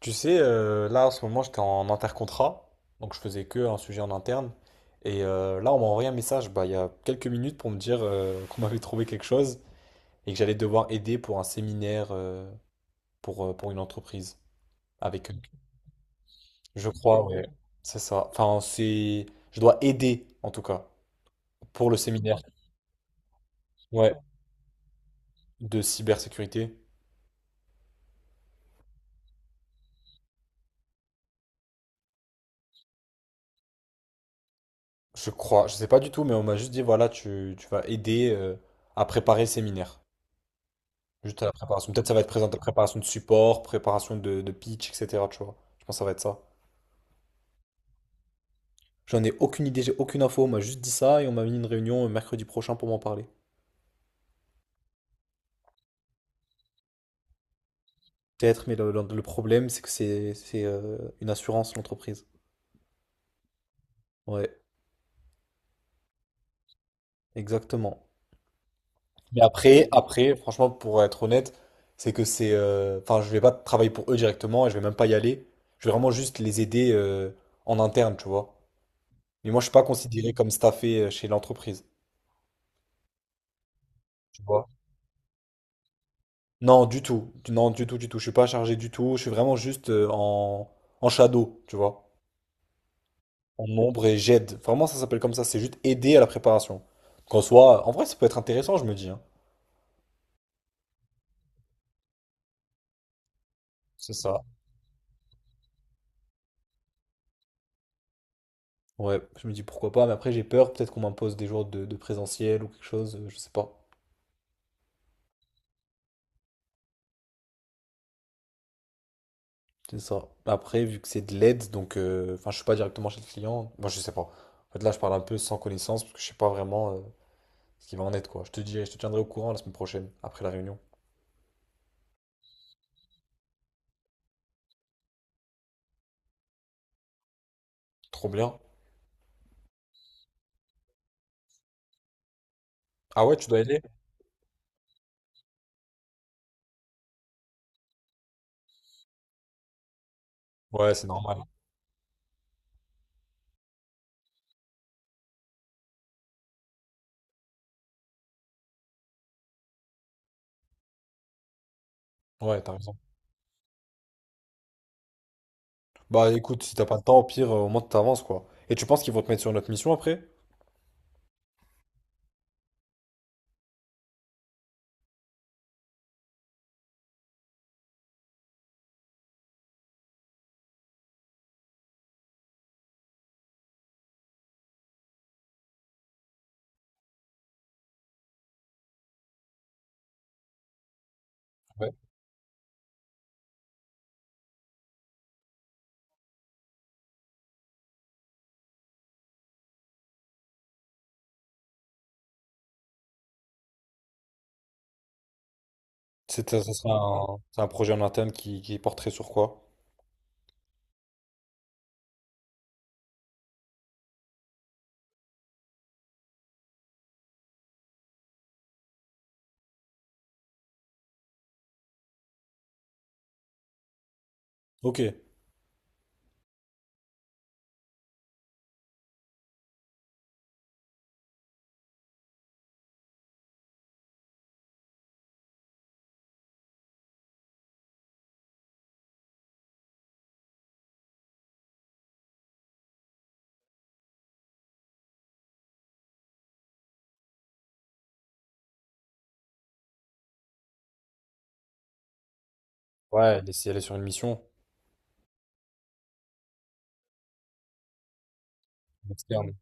Tu sais, là en ce moment j'étais en intercontrat, donc je faisais que un sujet en interne. Et là on m'a envoyé un message bah, il y a quelques minutes pour me dire qu'on m'avait trouvé quelque chose et que j'allais devoir aider pour un séminaire pour une entreprise. Avec eux. Je crois, ouais. C'est ça. Enfin, c'est. Je dois aider en tout cas pour le séminaire. Ouais. De cybersécurité. Je crois. Je sais pas du tout, mais on m'a juste dit voilà, tu vas aider à préparer le séminaire. Juste à la préparation. Peut-être ça va être présent à la préparation de support, préparation de pitch, etc. Tu vois. Je pense que ça va être ça. J'en ai aucune idée, j'ai aucune info. On m'a juste dit ça et on m'a mis une réunion mercredi prochain pour m'en parler. Peut-être, mais le problème, c'est que c'est une assurance, l'entreprise. Ouais, exactement. Mais après, après, franchement, pour être honnête, c'est que c'est. Enfin, je vais pas travailler pour eux directement et je vais même pas y aller. Je vais vraiment juste les aider en interne, tu vois. Mais moi, je suis pas considéré comme staffé chez l'entreprise. Non, du tout. Non, du tout, du tout. Je suis pas chargé du tout. Je suis vraiment juste en shadow, tu vois. En ombre et j'aide. Vraiment, ça s'appelle comme ça. C'est juste aider à la préparation. Qu'en soit, en vrai, ça peut être intéressant, je me dis, hein. C'est ça. Ouais, je me dis pourquoi pas. Mais après, j'ai peur. Peut-être qu'on m'impose des jours de présentiel ou quelque chose. Je sais pas. C'est ça. Après, vu que c'est de l'aide, donc. Enfin, je suis pas directement chez le client. Moi, je sais pas. En fait, là, je parle un peu sans connaissance parce que je sais pas vraiment ce qui va en être, quoi. Je te dirai, je te tiendrai au courant la semaine prochaine, après la réunion. Trop bien. Ah ouais, tu dois aider? Ouais, c'est normal. Ouais, t'as raison. Bah écoute, si t'as pas le temps, au pire, au moins t'avances quoi. Et tu penses qu'ils vont te mettre sur une autre mission après? Ouais. C'est ça sera un, c'est un projet en interne qui porterait sur quoi? Ok. Ouais, elle est, si elle est sur une mission externe.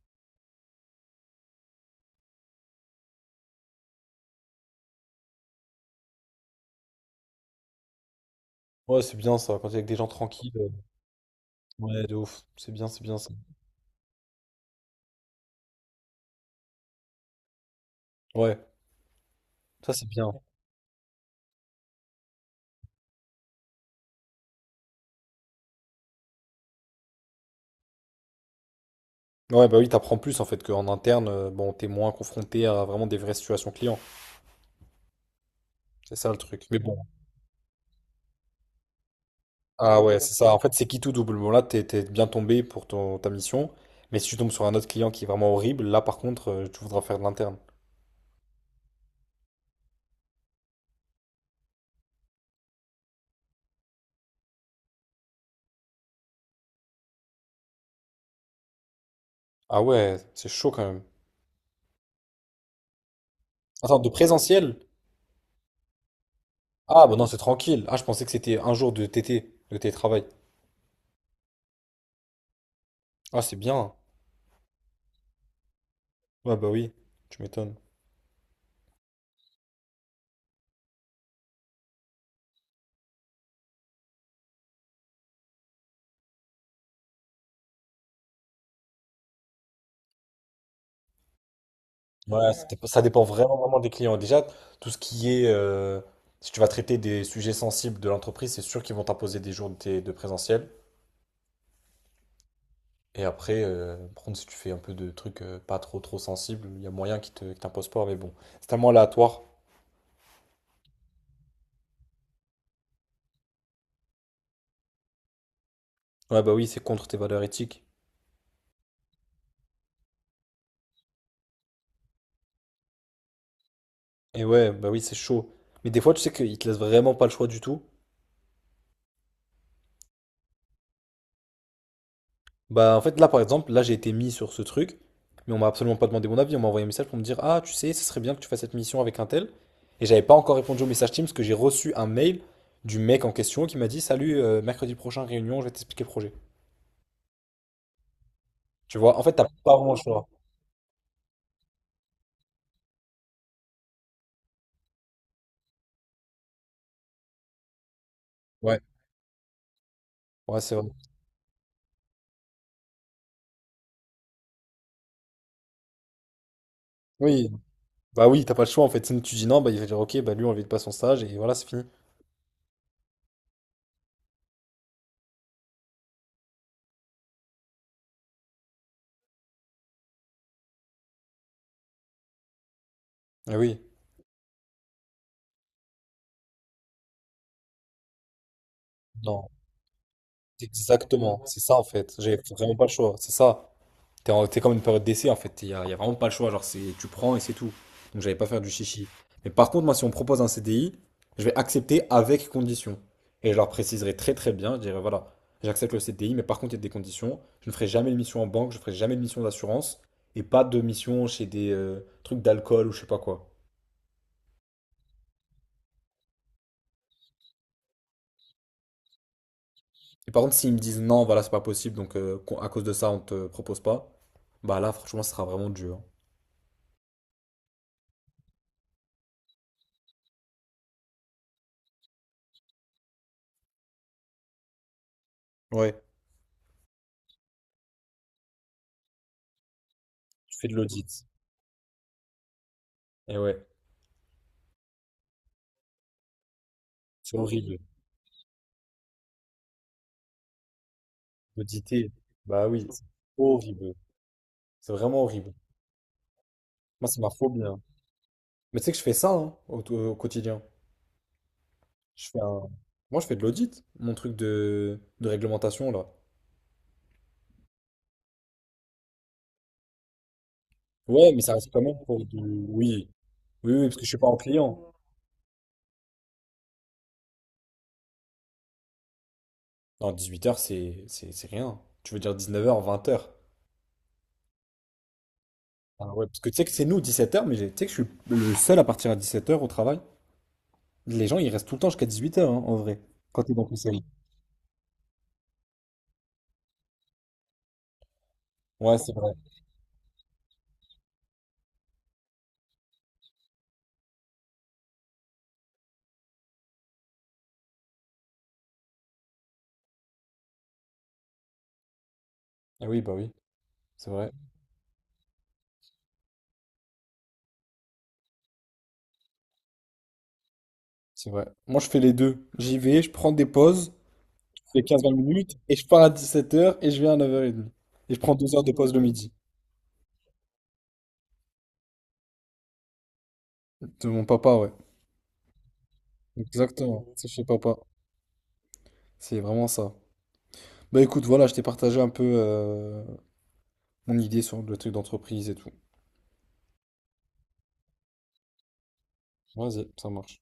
Ouais, c'est bien ça, quand t'es avec des gens tranquilles. Ouais, de ouf. C'est bien ça. Ouais, ça c'est bien. Ouais, bah oui, t'apprends plus en fait qu'en interne, bon, t'es moins confronté à vraiment des vraies situations clients. C'est ça le truc. Mais bon, ah ouais, c'est ça. En fait, c'est qui tout double. Bon, là, t'es bien tombé pour ton, ta mission. Mais si tu tombes sur un autre client qui est vraiment horrible, là, par contre, tu voudras faire de l'interne. Ah ouais, c'est chaud quand même. Attends, de présentiel? Ah bah non, c'est tranquille. Ah, je pensais que c'était un jour de TT, de télétravail. Ah, c'est bien. Ouais, bah oui, tu m'étonnes. Ouais, ça dépend vraiment, vraiment des clients. Déjà, tout ce qui est… si tu vas traiter des sujets sensibles de l'entreprise, c'est sûr qu'ils vont t'imposer des jours de présentiel. Et après, par contre, si tu fais un peu de trucs pas trop trop sensibles, il y a moyen qu'ils te, qu'ils t'imposent pas, mais bon, c'est tellement aléatoire. Ouais, bah oui, c'est contre tes valeurs éthiques. Et ouais, bah oui, c'est chaud. Mais des fois, tu sais qu'ils te laissent vraiment pas le choix du tout. Bah en fait, là par exemple, là j'ai été mis sur ce truc, mais on m'a absolument pas demandé mon avis. On m'a envoyé un message pour me dire, ah, tu sais, ce serait bien que tu fasses cette mission avec un tel. Et j'avais pas encore répondu au message Teams parce que j'ai reçu un mail du mec en question qui m'a dit, salut, mercredi prochain, réunion, je vais t'expliquer le projet. Tu vois, en fait, t'as pas vraiment le choix. Ouais, ouais, c'est vrai. Oui, bah oui, t'as pas le choix en fait. Sinon tu dis non, bah il va dire ok, bah lui on valide pas son stage et voilà, c'est fini. Ah oui, non, exactement, c'est ça en fait. J'ai vraiment pas le choix, c'est ça. T'es comme une période d'essai en fait, y a vraiment pas le choix. Genre, c'est, tu prends et c'est tout. Donc j'allais pas faire du chichi. Mais par contre, moi si on me propose un CDI, je vais accepter avec conditions. Et je leur préciserai très très bien, je dirais voilà, j'accepte le CDI, mais par contre il y a des conditions. Je ne ferai jamais de mission en banque, je ferai jamais de mission d'assurance et pas de mission chez des trucs d'alcool ou je sais pas quoi. Et par contre, s'ils me disent non, voilà, c'est pas possible, à cause de ça, on te propose pas, bah là, franchement, ce sera vraiment dur. Ouais. Tu fais de l'audit. Et ouais, c'est horrible. Auditer. Bah oui, c'est horrible. C'est vraiment horrible. Moi, c'est ma phobie, hein. Mais tu sais que je fais ça hein, au quotidien. Je fais un… Moi, je fais de l'audit, mon truc de réglementation, là. Ouais, mais ça reste quand même pour du… Oui, oui, oui, parce que je suis pas en client. Non, 18 heures, c'est rien. Tu veux dire 19 heures, 20 heures? Ah ouais, parce que tu sais que c'est nous 17h, tu sais que je suis le seul à partir à 17h au travail. Les gens, ils restent tout le temps jusqu'à 18h, en vrai, quand t'es dans ton série. Ouais, c'est vrai. Ah oui, bah oui, c'est vrai, c'est vrai. Moi, je fais les deux. J'y vais, je prends des pauses, je fais 15-20 minutes, et je pars à 17h et je viens à 9h30. Et je prends 2 heures de pause le midi. De mon papa, ouais. Exactement, c'est chez papa. C'est vraiment ça. Bah écoute, voilà, je t'ai partagé un peu mon idée sur le truc d'entreprise et tout. Vas-y, ça marche.